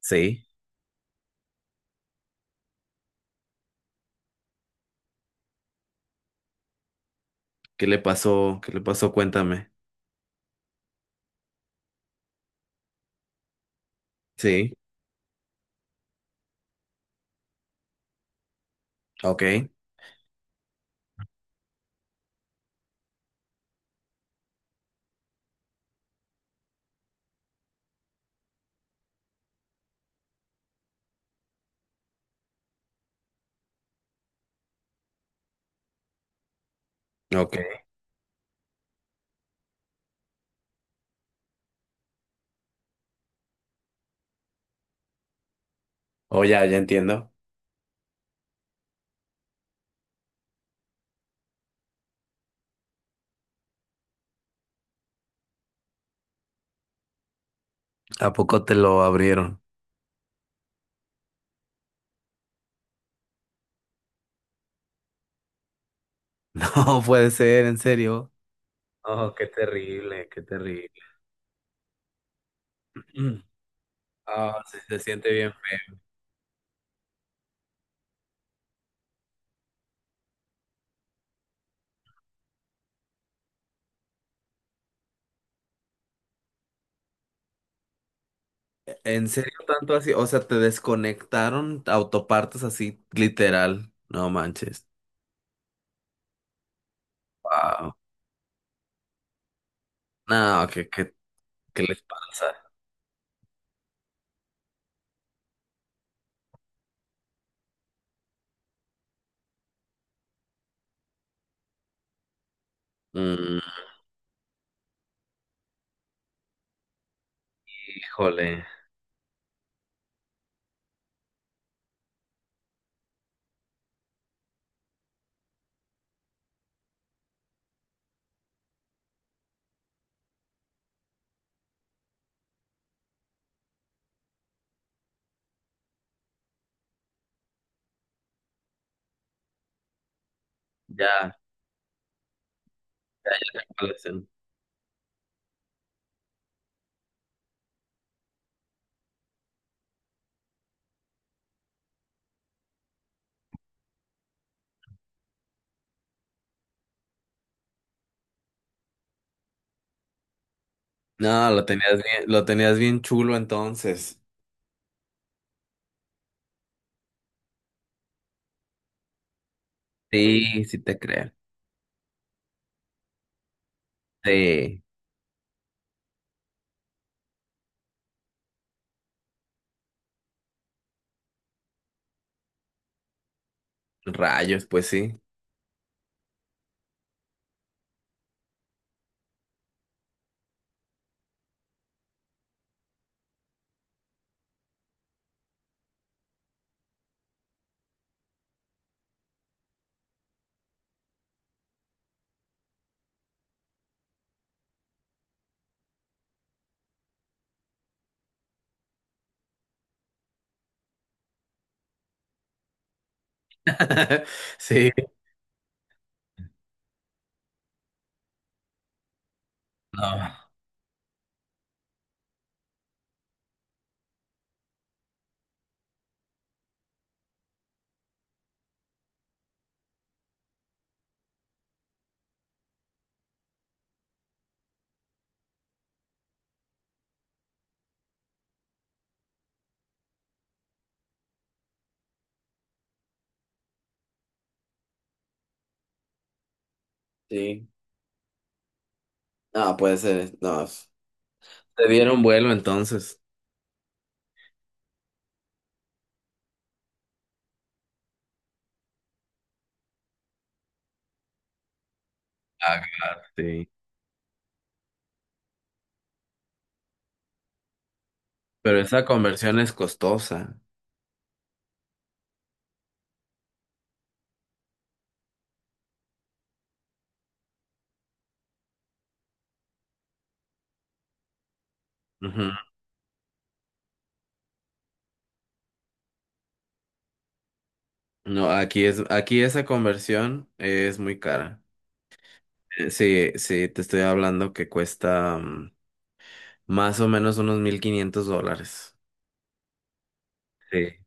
Sí. ¿Qué le pasó? ¿Qué le pasó? Cuéntame. Sí. Ok, ok. Oh, ya, ya entiendo. ¿A poco te lo abrieron? No puede ser, en serio. Oh, qué terrible, qué terrible. Mm. Ah, sí, se siente bien feo. ¿En serio tanto así? O sea, te desconectaron autopartes así, literal. No manches. Wow. No, ¿qué les pasa? Mm, híjole. Ya, ya, ya. Ya, ya. No, lo tenías bien chulo entonces. Sí, sí te creo. Sí, rayos, pues sí. Sí, no. Sí. No, puede ser. No. Te dieron vuelo entonces. Ah, claro, sí. Pero esa conversión es costosa. Ujú. No, aquí esa conversión es muy cara. Sí, sí, te estoy hablando que cuesta más o menos unos $1,500. Sí.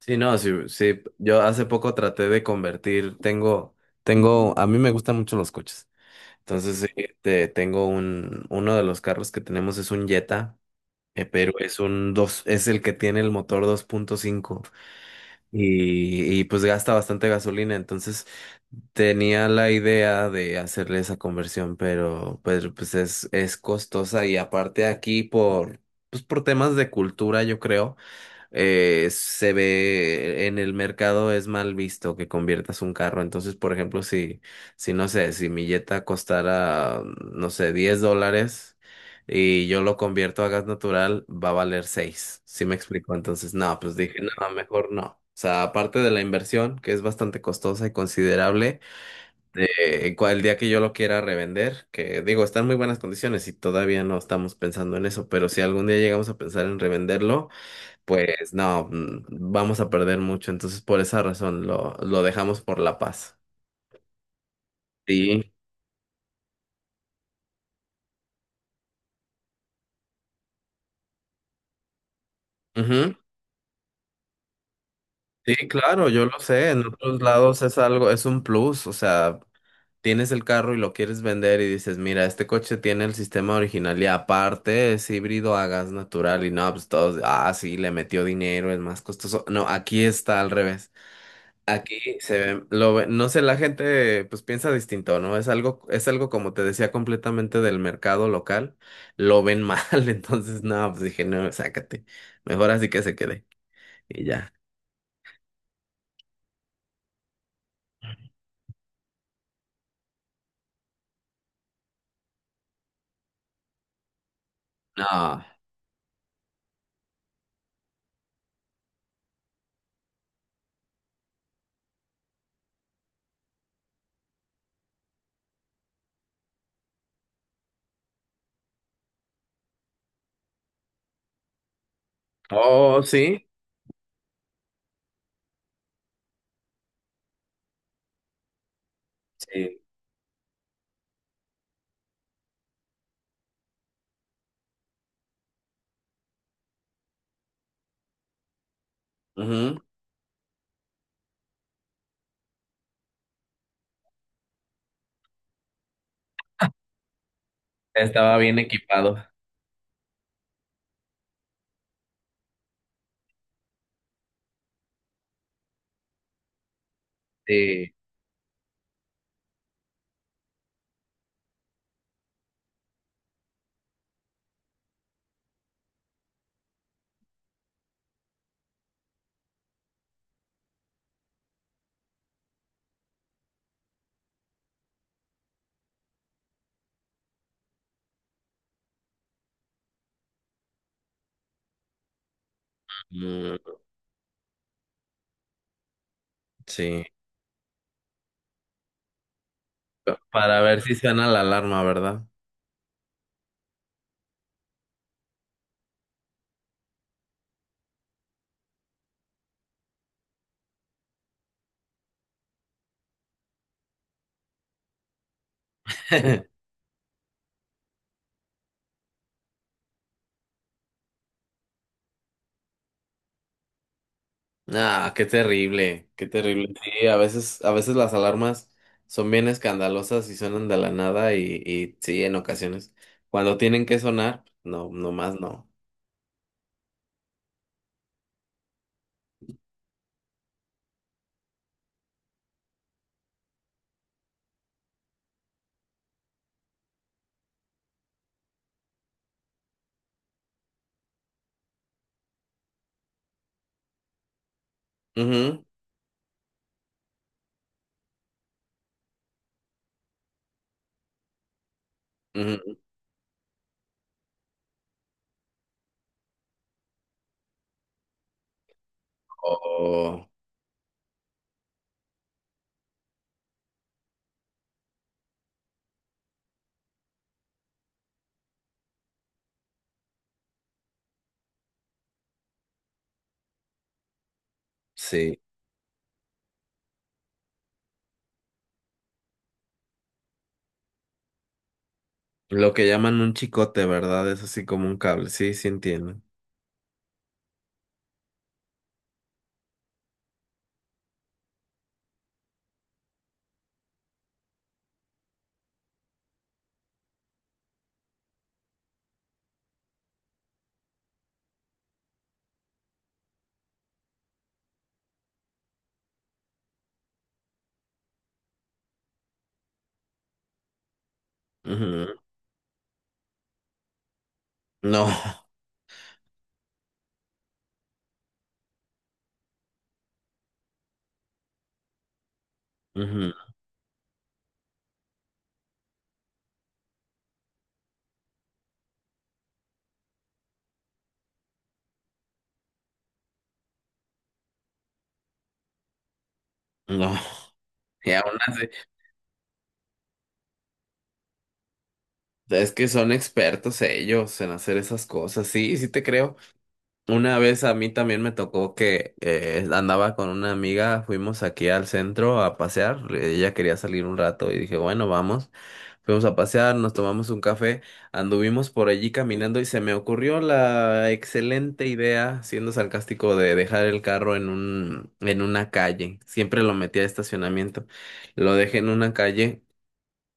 Sí, no, sí, sí. Yo hace poco traté de convertir, a mí me gustan mucho los coches. Entonces, sí, tengo uno de los carros que tenemos es un Jetta, pero es el que tiene el motor 2.5 y pues gasta bastante gasolina. Entonces, tenía la idea de hacerle esa conversión, pero pues es costosa y aparte aquí pues por temas de cultura, yo creo se ve en el mercado es mal visto que conviertas un carro. Entonces, por ejemplo, si no sé, si mi Jetta costara, no sé, $10 y yo lo convierto a gas natural, va a valer seis. ¿Sí me explico? Entonces, no, pues dije, no, mejor no. O sea, aparte de la inversión, que es bastante costosa y considerable, el día que yo lo quiera revender, que digo, está en muy buenas condiciones y todavía no estamos pensando en eso, pero si algún día llegamos a pensar en revenderlo, pues no, vamos a perder mucho, entonces por esa razón lo dejamos por la paz. Sí, ujú. Sí, claro, yo lo sé, en otros lados es algo, es un plus, o sea, tienes el carro y lo quieres vender y dices, mira, este coche tiene el sistema original y aparte es híbrido a gas natural y no, pues todos, ah, sí, le metió dinero, es más costoso. No, aquí está al revés. Aquí se ve, lo ve- no sé, la gente pues piensa distinto, ¿no? Es algo, como te decía, completamente del mercado local, lo ven mal. Entonces no, pues dije, no, sácate, mejor así que se quede, y ya. No. Oh, sí, sí. Ujú. Estaba bien equipado. Sí. Mm, sí. Para ver si suena la alarma, ¿verdad? Ah, qué terrible, qué terrible. Sí, a veces las alarmas son bien escandalosas y suenan de la nada y sí, en ocasiones. Cuando tienen que sonar, no, nomás no. Ujú, ujú. Oh, sí. Lo que llaman un chicote, ¿verdad? Es así como un cable. Sí, sí entiendo. Ujú. No. Ujú, no. Y aún así, es que son expertos ellos en hacer esas cosas. Sí, sí te creo. Una vez a mí también me tocó que andaba con una amiga, fuimos aquí al centro a pasear, ella quería salir un rato y dije, bueno, vamos, fuimos a pasear, nos tomamos un café, anduvimos por allí caminando y se me ocurrió la excelente idea, siendo sarcástico, de dejar el carro en en una calle, siempre lo metía a estacionamiento, lo dejé en una calle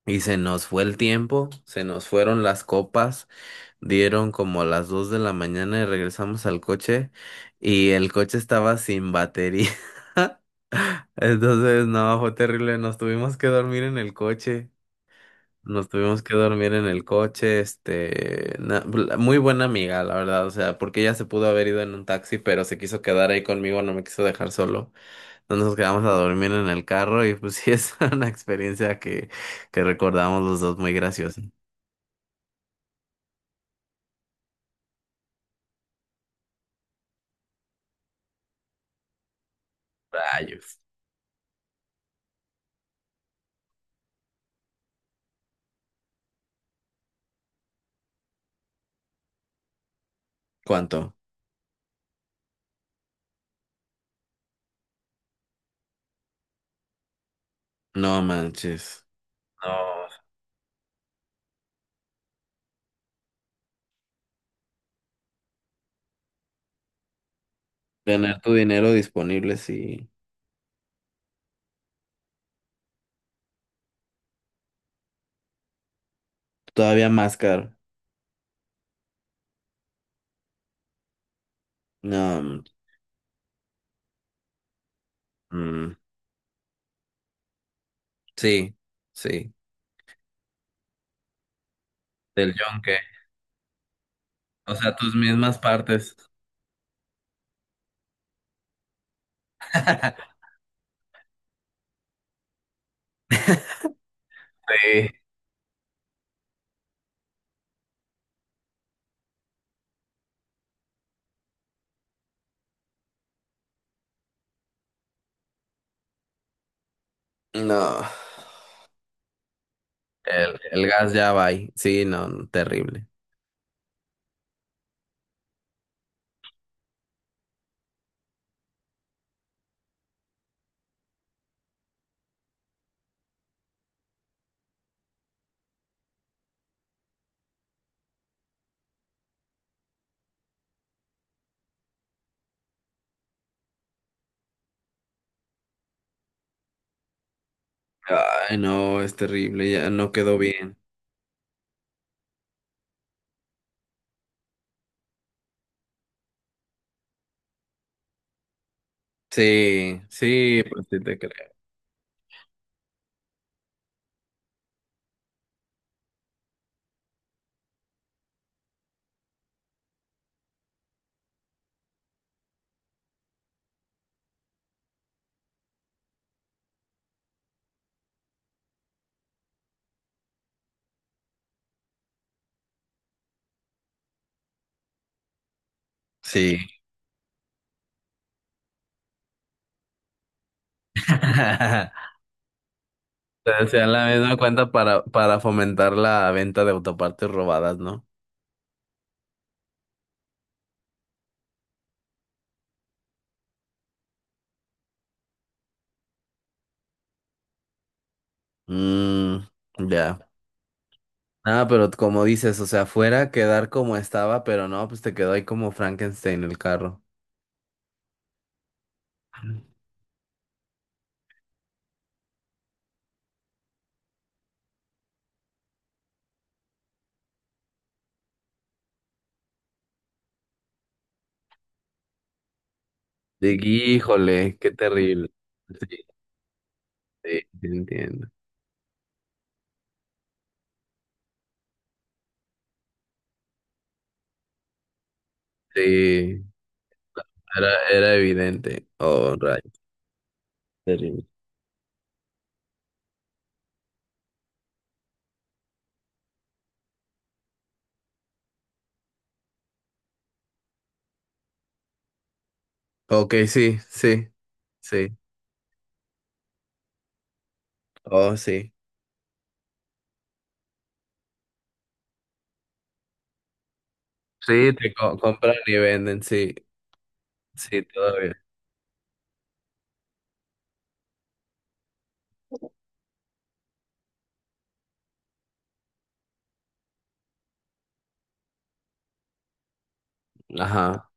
y se nos fue el tiempo, se nos fueron las copas. Dieron como a las 2 de la mañana y regresamos al coche y el coche estaba sin batería. Entonces, no, fue terrible. Nos tuvimos que dormir en el coche. Nos tuvimos que dormir en el coche. Muy buena amiga, la verdad. O sea, porque ella se pudo haber ido en un taxi, pero se quiso quedar ahí conmigo, no me quiso dejar solo. Entonces nos quedamos a dormir en el carro y pues sí, es una experiencia que recordamos los dos muy graciosa. Rayos. ¿Cuánto? No manches. No. Tener tu dinero disponible, sí. Todavía más caro. No, mm, mm, sí, sí. Del yonque. O sea, tus mismas partes. Sí. No. El gas ya va ahí. Sí, no, terrible. Ay, no, es terrible, ya no quedó bien. Sí, sí, pues sí te creo. Sí. O sea, la misma cuenta para fomentar la venta de autopartes robadas, ¿no? Mm, ya. Ah, pero como dices, o sea, fuera quedar como estaba, pero no, pues te quedó ahí como Frankenstein el carro. De híjole, qué terrible. Sí, sí, sí entiendo. Sí, era evidente. Oh, rayo. Terrible. Ok, sí, sí, sí. Oh, sí. Sí, compran y venden, sí, sí, todavía. Ajá.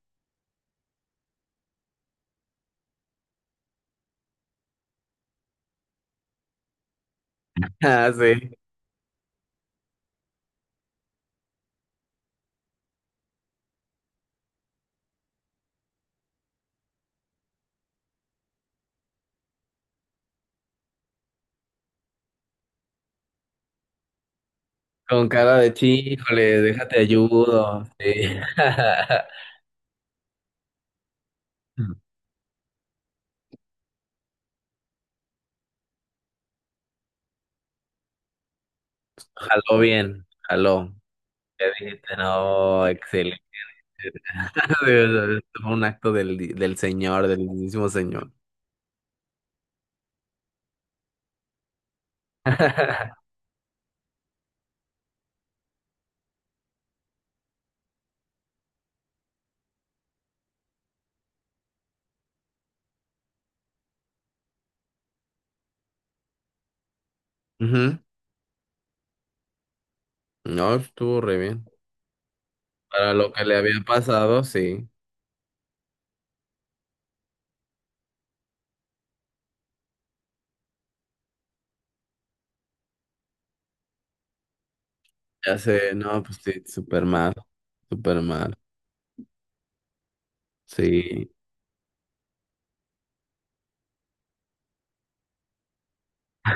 Ah, sí. Con cara de "Sí, híjole, déjate ayudo". Sí. Jaló bien, jaló. Ya dijiste, no, excelente. Esto fue un acto del señor, del mismo señor. Ujú. No, estuvo re bien. Para lo que le había pasado, sí. Ya sé, no, pues sí, súper mal, súper mal. Sí,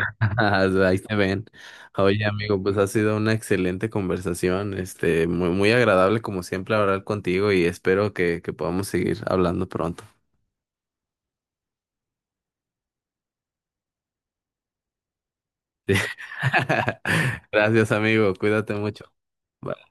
ahí se ven. Oye, amigo, pues ha sido una excelente conversación, muy, muy agradable como siempre hablar contigo y espero que podamos seguir hablando pronto. Sí. Gracias, amigo, cuídate mucho. Bye.